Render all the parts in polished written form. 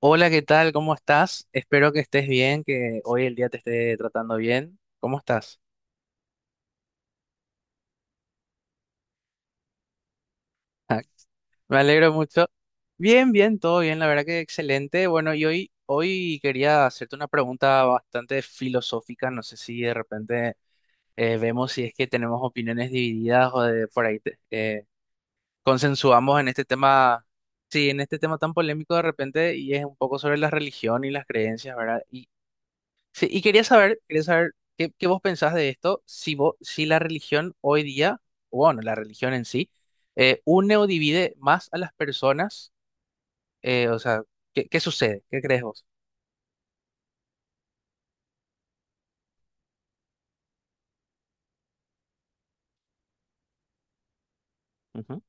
Hola, ¿qué tal? ¿Cómo estás? Espero que estés bien, que hoy el día te esté tratando bien. ¿Cómo estás? Me alegro mucho. Bien, bien, todo bien, la verdad que excelente. Bueno, y hoy quería hacerte una pregunta bastante filosófica. No sé si de repente vemos si es que tenemos opiniones divididas o de por ahí consensuamos en este tema, sí, en este tema tan polémico de repente, y es un poco sobre la religión y las creencias, ¿verdad? Sí, y quería saber qué, qué vos pensás de esto, si vos, si la religión hoy día, o bueno, la religión en sí, une o divide más a las personas, o sea, ¿qué, qué sucede? ¿Qué crees vos? Ujú,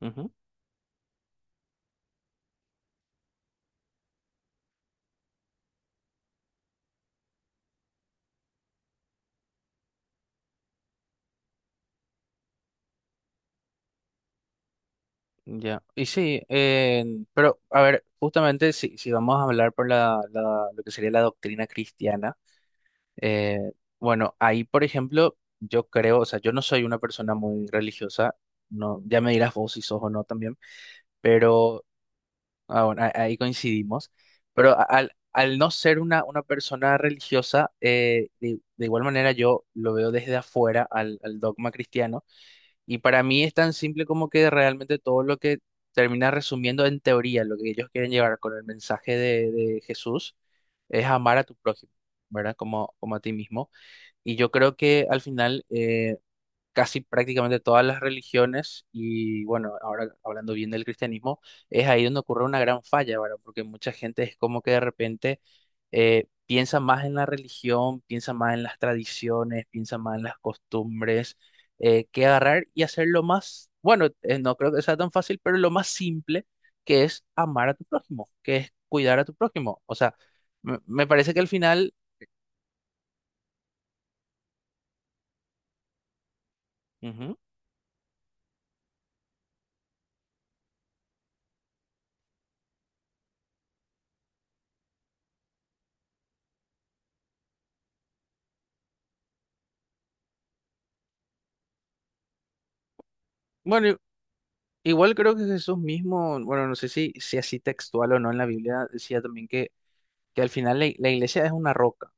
ujú, ya. Y sí, pero a ver, justamente si, si vamos a hablar por lo que sería la doctrina cristiana, eh, bueno, ahí, por ejemplo, yo creo, o sea, yo no soy una persona muy religiosa, no, ya me dirás vos si sos o no también. Pero... Ah, bueno, ahí coincidimos, pero al no ser una persona religiosa, de igual manera yo lo veo desde afuera al, al dogma cristiano, y para mí es tan simple como que realmente todo lo que termina resumiendo en teoría lo que ellos quieren llevar con el mensaje de Jesús es amar a tu prójimo, ¿verdad? Como, como a ti mismo. Y yo creo que al final, casi prácticamente todas las religiones, y bueno, ahora hablando bien del cristianismo, es ahí donde ocurre una gran falla, ¿verdad? Porque mucha gente es como que de repente piensa más en la religión, piensa más en las tradiciones, piensa más en las costumbres, que agarrar y hacer lo más, bueno, no creo que sea tan fácil, pero lo más simple, que es amar a tu prójimo, que es cuidar a tu prójimo. O sea, me parece que al final... Ujú. Bueno, igual creo que Jesús mismo, bueno, no sé si, si así textual o no en la Biblia, decía también que al final la, la iglesia es una roca,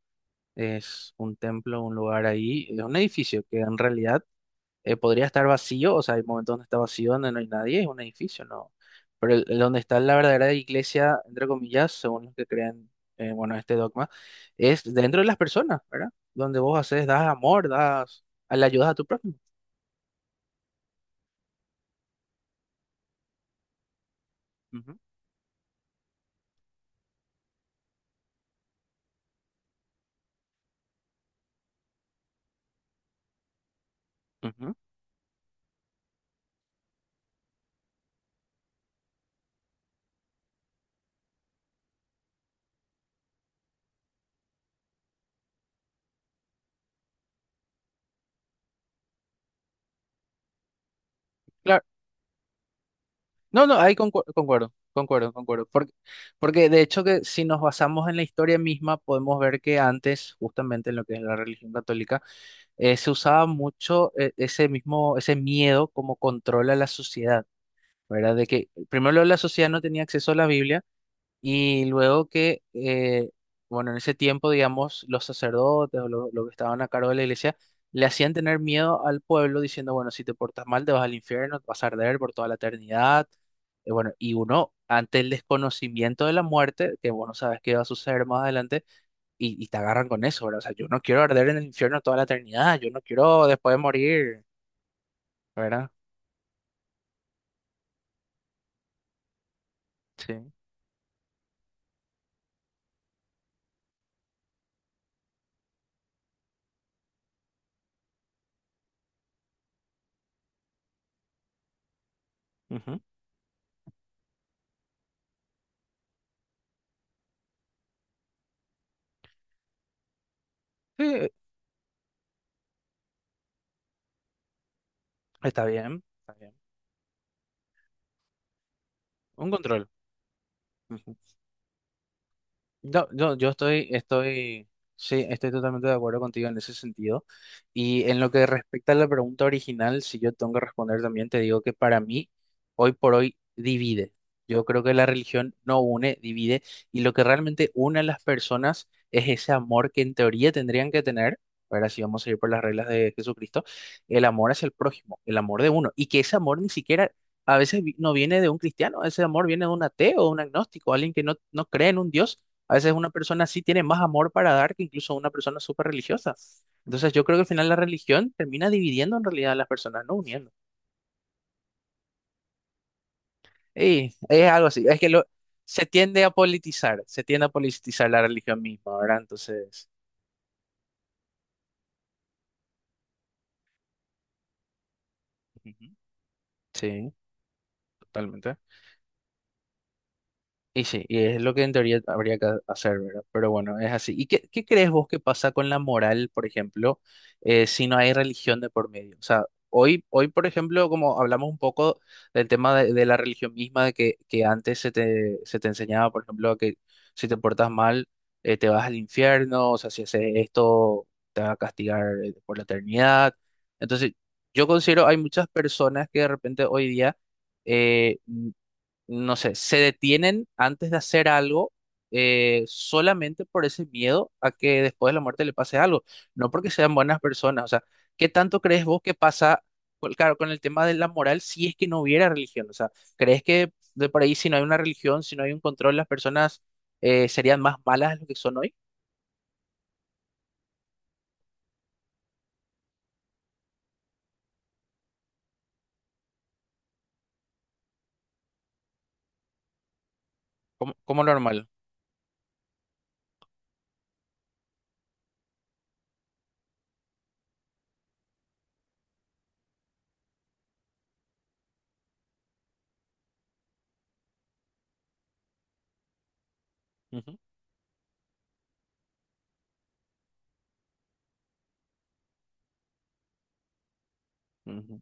es un templo, un lugar ahí, es un edificio que en realidad podría estar vacío, o sea, hay momentos donde está vacío, donde no hay nadie, es un edificio, ¿no? Pero el donde está la verdadera iglesia, entre comillas, según los que crean, bueno, este dogma, es dentro de las personas, ¿verdad? Donde vos haces, das amor, das, le ayudas a tu prójimo. Ujú, ujú. Claro. No, no, ahí concuerdo, concuerdo, concuerdo. Porque, porque de hecho que si nos basamos en la historia misma, podemos ver que antes, justamente en lo que es la religión católica, se usaba mucho ese mismo, ese miedo como control a la sociedad, ¿verdad? De que primero la sociedad no tenía acceso a la Biblia, y luego que, bueno, en ese tiempo, digamos, los sacerdotes o lo los que estaban a cargo de la iglesia le hacían tener miedo al pueblo diciendo, bueno, si te portas mal, te vas al infierno, te vas a arder por toda la eternidad. Bueno, y uno, ante el desconocimiento de la muerte, que vos no sabes qué va a suceder más adelante, y te agarran con eso, ¿verdad? O sea, yo no quiero arder en el infierno toda la eternidad, yo no quiero después de morir, ¿verdad? Sí. Ujú. Sí, está bien, está bien. Un control. No, no, yo estoy, estoy, sí, estoy totalmente de acuerdo contigo en ese sentido. Y en lo que respecta a la pregunta original, si yo tengo que responder también, te digo que para mí, hoy por hoy, divide. Yo creo que la religión no une, divide. Y lo que realmente une a las personas es ese amor que en teoría tendrían que tener. Ahora, si vamos a ir por las reglas de Jesucristo, el amor hacia el prójimo, el amor de uno. Y que ese amor ni siquiera... a veces no viene de un cristiano, ese amor viene de un ateo, un agnóstico, alguien que no, no cree en un Dios. A veces una persona sí tiene más amor para dar que incluso una persona súper religiosa. Entonces yo creo que al final la religión termina dividiendo en realidad a las personas, no uniendo. Y es algo así, es que lo, se tiende a politizar, se tiende a politizar la religión misma, ¿verdad? Entonces, ujú, sí, totalmente. Y sí, y es lo que en teoría habría que hacer, ¿verdad? Pero bueno, es así. ¿Y qué, qué crees vos que pasa con la moral, por ejemplo, si no hay religión de por medio? O sea, hoy, hoy, por ejemplo, como hablamos un poco del tema de la religión misma, de que antes se te enseñaba, por ejemplo, que si te portas mal, te vas al infierno, o sea, si haces esto, te va a castigar por la eternidad. Entonces, yo considero hay muchas personas que de repente hoy día... eh, no sé, se detienen antes de hacer algo solamente por ese miedo a que después de la muerte le pase algo, no porque sean buenas personas. O sea, ¿qué tanto crees vos que pasa, pues, claro, con el tema de la moral si es que no hubiera religión? O sea, ¿crees que de por ahí si no hay una religión, si no hay un control, las personas serían más malas de lo que son hoy? Como, como normal. Ujú, ujú.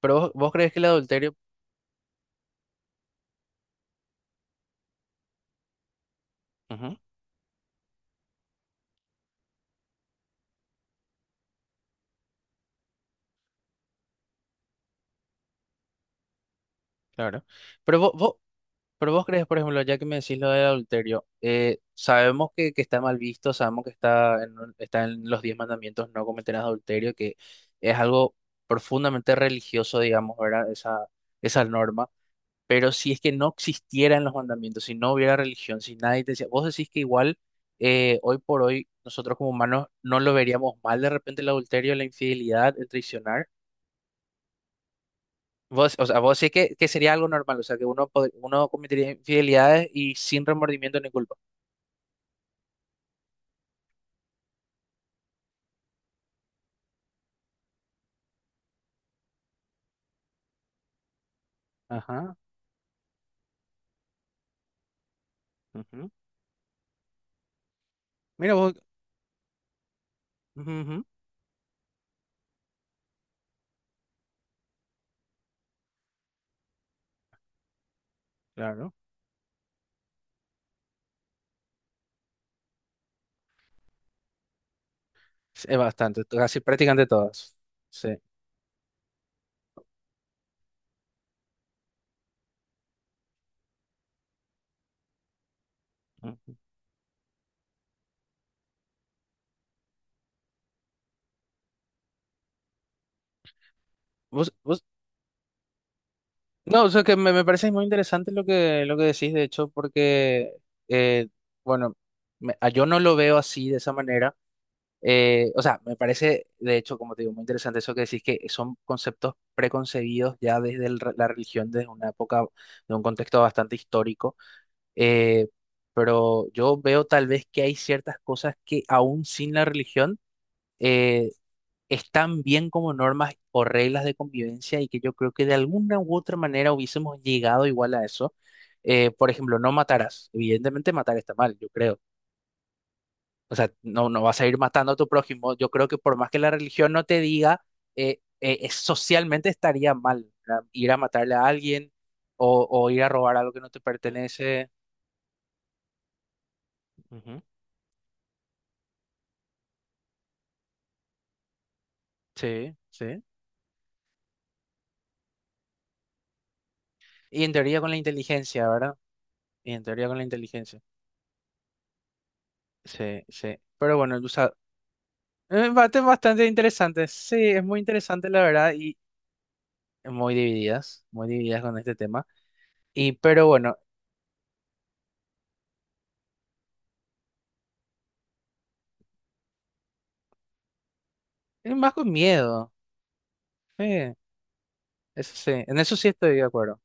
Pero vos, vos crees que el adulterio... Ujú, claro. Pero vos, vos... Pero vos crees, por ejemplo, ya que me decís lo del adulterio, sabemos que está mal visto, sabemos que está en, está en los diez mandamientos, no cometerás adulterio, que es algo profundamente religioso, digamos, ¿verdad? Esa norma. Pero si es que no existieran los mandamientos, si no hubiera religión, si nadie te decía, vos decís que igual hoy por hoy nosotros como humanos no lo veríamos mal de repente el adulterio, la infidelidad, el traicionar. Vos, o sea, vos sí que sería algo normal, o sea, que uno, uno cometería infidelidades y sin remordimiento ni culpa. Ajá. Ujú. Mira vos, ujú, ujú. Claro. Es bastante, casi prácticamente todas. Sí. Ujú. Vos, vos... no, o sea, que me parece muy interesante lo que decís, de hecho, porque, eh, bueno, yo no lo veo así, de esa manera. O sea, me parece, de hecho, como te digo, muy interesante eso que decís, que son conceptos preconcebidos ya desde la religión, desde una época, de un contexto bastante histórico. Eh, pero yo veo tal vez que hay ciertas cosas que aún sin la religión eh, están bien como normas o reglas de convivencia, y que yo creo que de alguna u otra manera hubiésemos llegado igual a eso. Por ejemplo, no matarás. Evidentemente matar está mal, yo creo. O sea, no, no vas a ir matando a tu prójimo. Yo creo que por más que la religión no te diga, socialmente estaría mal, ¿verdad? Ir a matarle a alguien o ir a robar algo que no te pertenece. Ujú. Sí, sí. Y en teoría con la inteligencia, ¿verdad? Y en teoría con la inteligencia. Sí, sí. Pero bueno, o sea, bate bastante interesante. Sí, es muy interesante la verdad, y muy divididas con este tema. Y pero bueno, es más con miedo. Sí, eso sí, en eso sí estoy de acuerdo.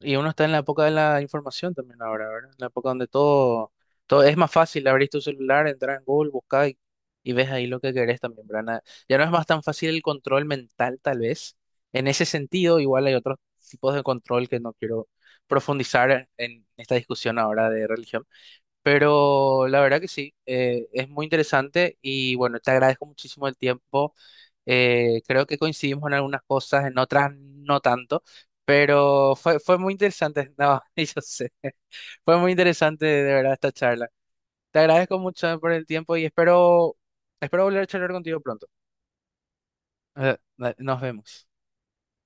Y uno está en la época de la información también ahora, ¿verdad? En la época donde todo, todo es más fácil, abrir tu celular, entrar en Google, buscar, y ves ahí lo que querés también, ¿verdad? Na... ya no es más tan fácil el control mental, tal vez. En ese sentido, igual hay otros tipos de control que no quiero profundizar en esta discusión ahora de religión. Pero la verdad que sí, es muy interesante y bueno, te agradezco muchísimo el tiempo. Creo que coincidimos en algunas cosas, en otras no tanto, pero fue, fue muy interesante. No, y yo sé, fue muy interesante de verdad esta charla. Te agradezco mucho por el tiempo y espero, espero volver a charlar contigo pronto. Eh, nos vemos.